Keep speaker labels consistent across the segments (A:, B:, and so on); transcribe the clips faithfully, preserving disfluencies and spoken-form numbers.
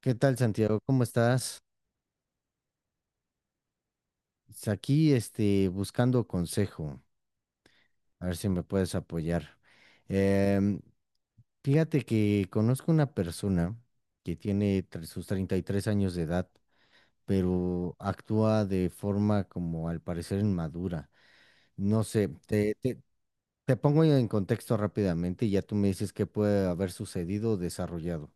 A: ¿Qué tal, Santiago? ¿Cómo estás? Es Aquí, este, buscando consejo, a ver si me puedes apoyar. Em, Fíjate que conozco una persona que tiene tre- sus treinta y tres años de edad, pero actúa de forma como al parecer inmadura. No sé, te, te te pongo en contexto rápidamente y ya tú me dices qué puede haber sucedido o desarrollado.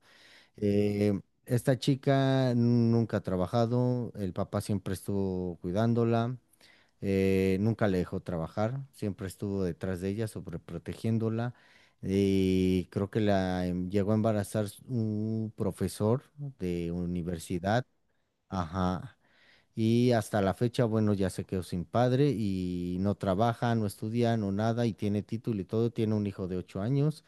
A: Eh, Esta chica nunca ha trabajado, el papá siempre estuvo cuidándola, eh, nunca la dejó trabajar, siempre estuvo detrás de ella, sobreprotegiéndola. Y creo que la em- llegó a embarazar s- un profesor de universidad, ajá. Y hasta la fecha, bueno, ya se quedó sin padre y no trabaja, no estudia, no nada, y tiene título y todo, tiene un hijo de ocho años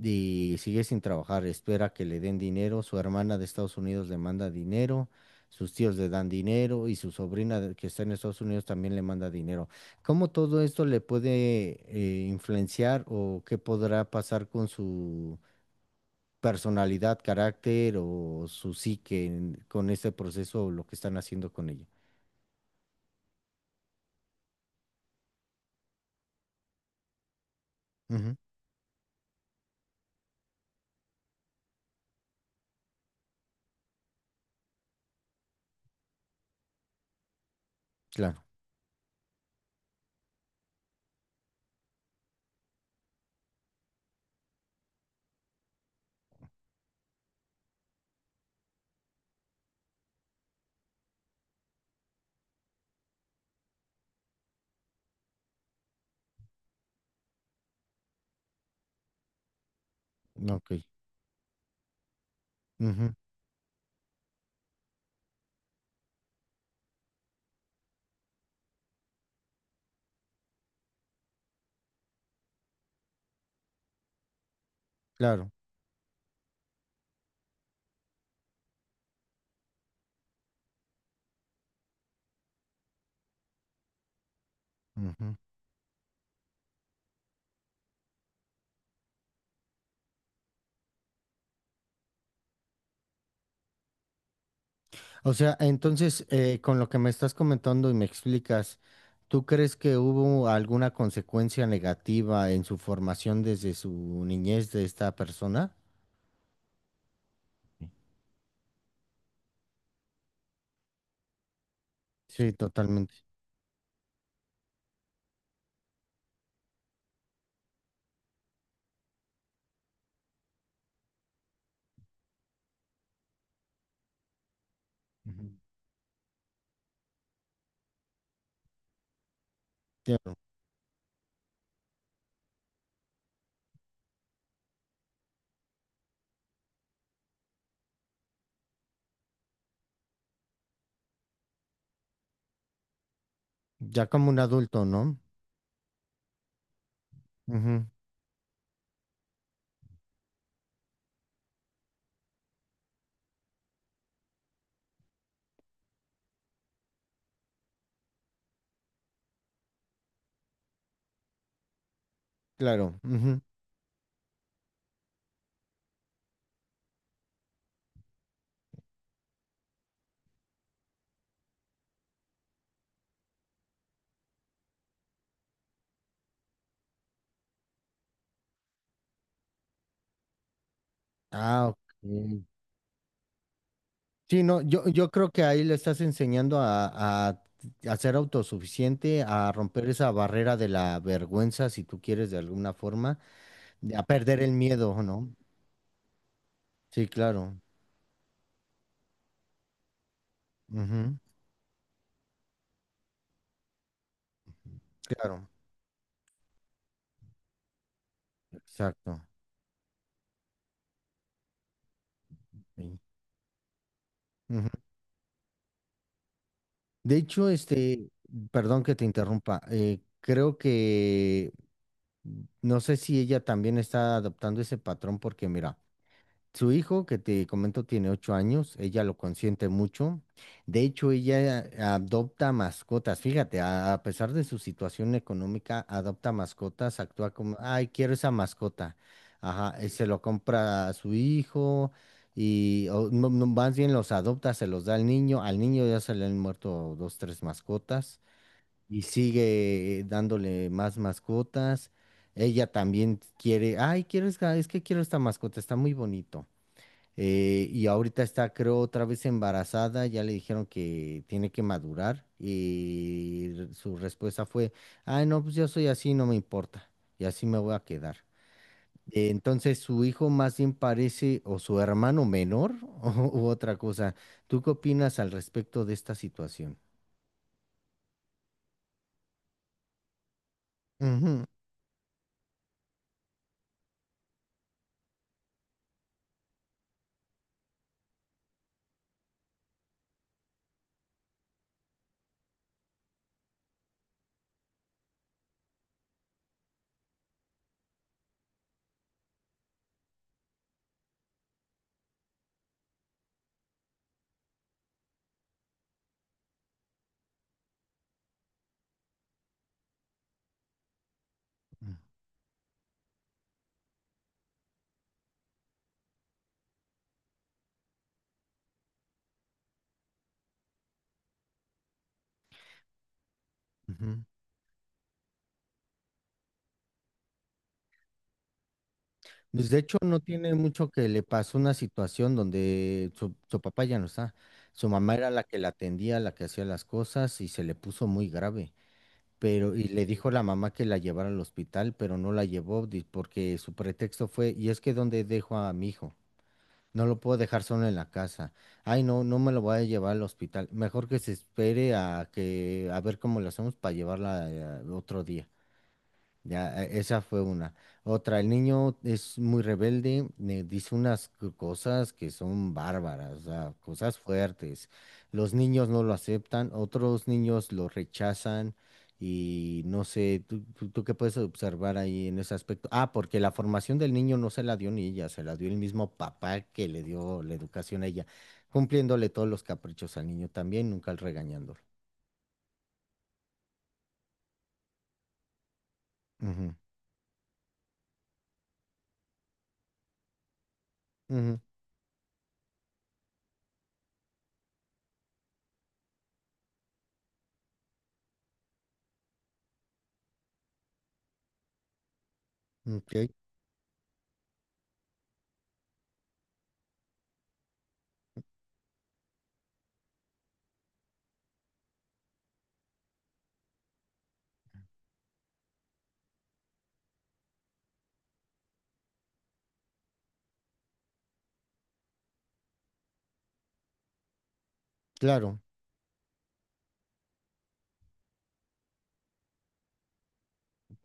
A: y sigue sin trabajar, espera que le den dinero, su hermana de Estados Unidos le manda dinero, sus tíos le dan dinero y su sobrina de- que está en Estados Unidos también le manda dinero. ¿Cómo todo esto le puede eh, influenciar o qué podrá pasar con su personalidad, carácter o su psique en- con este proceso o lo que están haciendo con ella? Ujú, claro, ok, ujú, claro. Ujú. O sea, entonces, eh, con lo que me estás comentando y me explicas, ¿tú crees que hubo alguna consecuencia negativa en su formación desde su niñez de esta persona? Sí, totalmente. Ujú. Ya, ya como un adulto, ¿no? Ujú, claro. Ujú. Ah, ok. Sí, no, yo, yo creo que ahí le estás enseñando a, a, a ser autosuficiente, a romper esa barrera de la vergüenza, si tú quieres, de alguna forma, de- a perder el miedo, ¿no? Sí, claro. Ujú, claro, exacto. Sí, ujú. De hecho, este, perdón que te interrumpa, eh, creo que mm, no sé si ella también está adoptando ese patrón porque mira, su hijo, que te comento, tiene ocho años, ella lo consiente mucho. De hecho, ella adopta mascotas. Fíjate, a, a pesar de su situación económica, adopta mascotas, actúa como, ay, quiero esa mascota. Ajá, y se lo compra a su hijo y o, no, no, más bien los adopta, se los da al niño. Al niño ya se le han muerto dos, tres mascotas y sigue eh, dándole más mascotas. Ella también quiere, ay, quiero, esta- es que quiero esta mascota, está muy bonito. Eh, y ahorita está, creo, otra vez embarazada, ya le dijeron que tiene que madurar y r- su respuesta fue, ay, no, pues yo soy así, no me importa, y así me voy a quedar. Eh, entonces su hijo más bien parece o su hermano menor o, u otra cosa. ¿Tú qué opinas al respecto de esta situación? Ujú, ujú. Pues de hecho no tiene mucho que le pasó una situación donde su, su papá ya no está. Su mamá era la que la atendía, la que hacía las cosas y se le puso muy grave. Pero, y le dijo la mamá que la llevara al hospital, pero no la llevó di- porque su pretexto fue, y es que ¿dónde dejo a mi hijo? No lo puedo dejar solo en la casa. Ay, no, no me lo voy a llevar al hospital. Mejor que se espere a que, a ver cómo lo hacemos para llevarla eh, otro día. Ya, e- esa fue una. Otra, el niño es muy rebelde, me dice unas c- cosas que son bárbaras, o sea, cosas fuertes. Los niños no lo aceptan, otros niños lo rechazan y no sé, ¿tú, tú, tú qué puedes observar ahí en ese aspecto? Ah, porque la formación del niño no se la dio ni ella, se la dio el mismo papá que le dio la educación a ella, cumpliéndole todos los caprichos al niño también, nunca regañándolo. Ujú, ujú, ok, claro.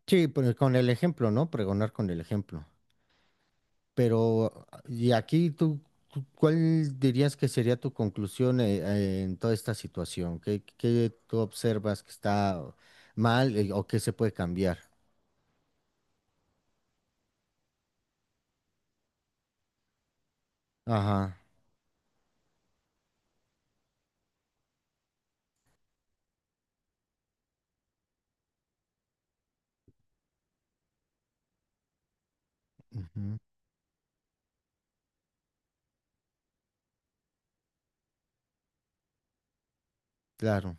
A: Sí, pues con el ejemplo, ¿no? Pregonar con el ejemplo. Pero, y aquí tú, tú- ¿cuál dirías que sería tu conclusión eh, eh, en toda esta situación? ¿Qué, qué tú observas que está mal eh, o qué se puede cambiar? Ajá, ujú, claro.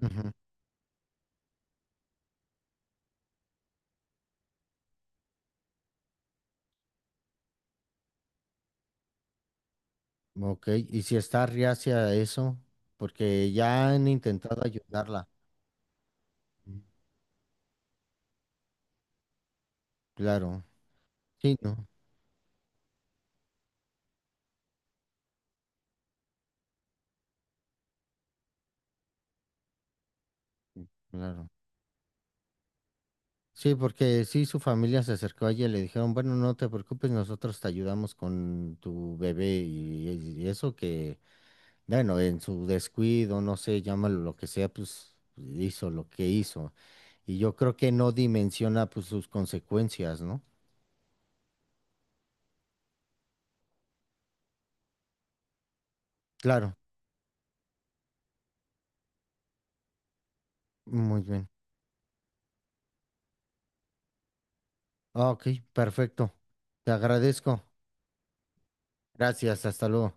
A: Ujú, ok, y si está reacia a eso, porque ya han intentado ayudarla. Ujú. Claro, sí, ¿no? Claro. Sí, porque sí, su familia se acercó a ella y le dijeron, bueno, no te preocupes, nosotros te ayudamos con tu bebé y, y eso que, bueno, en su descuido, no sé, llámalo lo que sea, pues hizo lo que hizo. Y yo creo que no dimensiona pues sus consecuencias, ¿no? Claro, muy bien. Ah, ok, perfecto. Te agradezco. Gracias, hasta luego.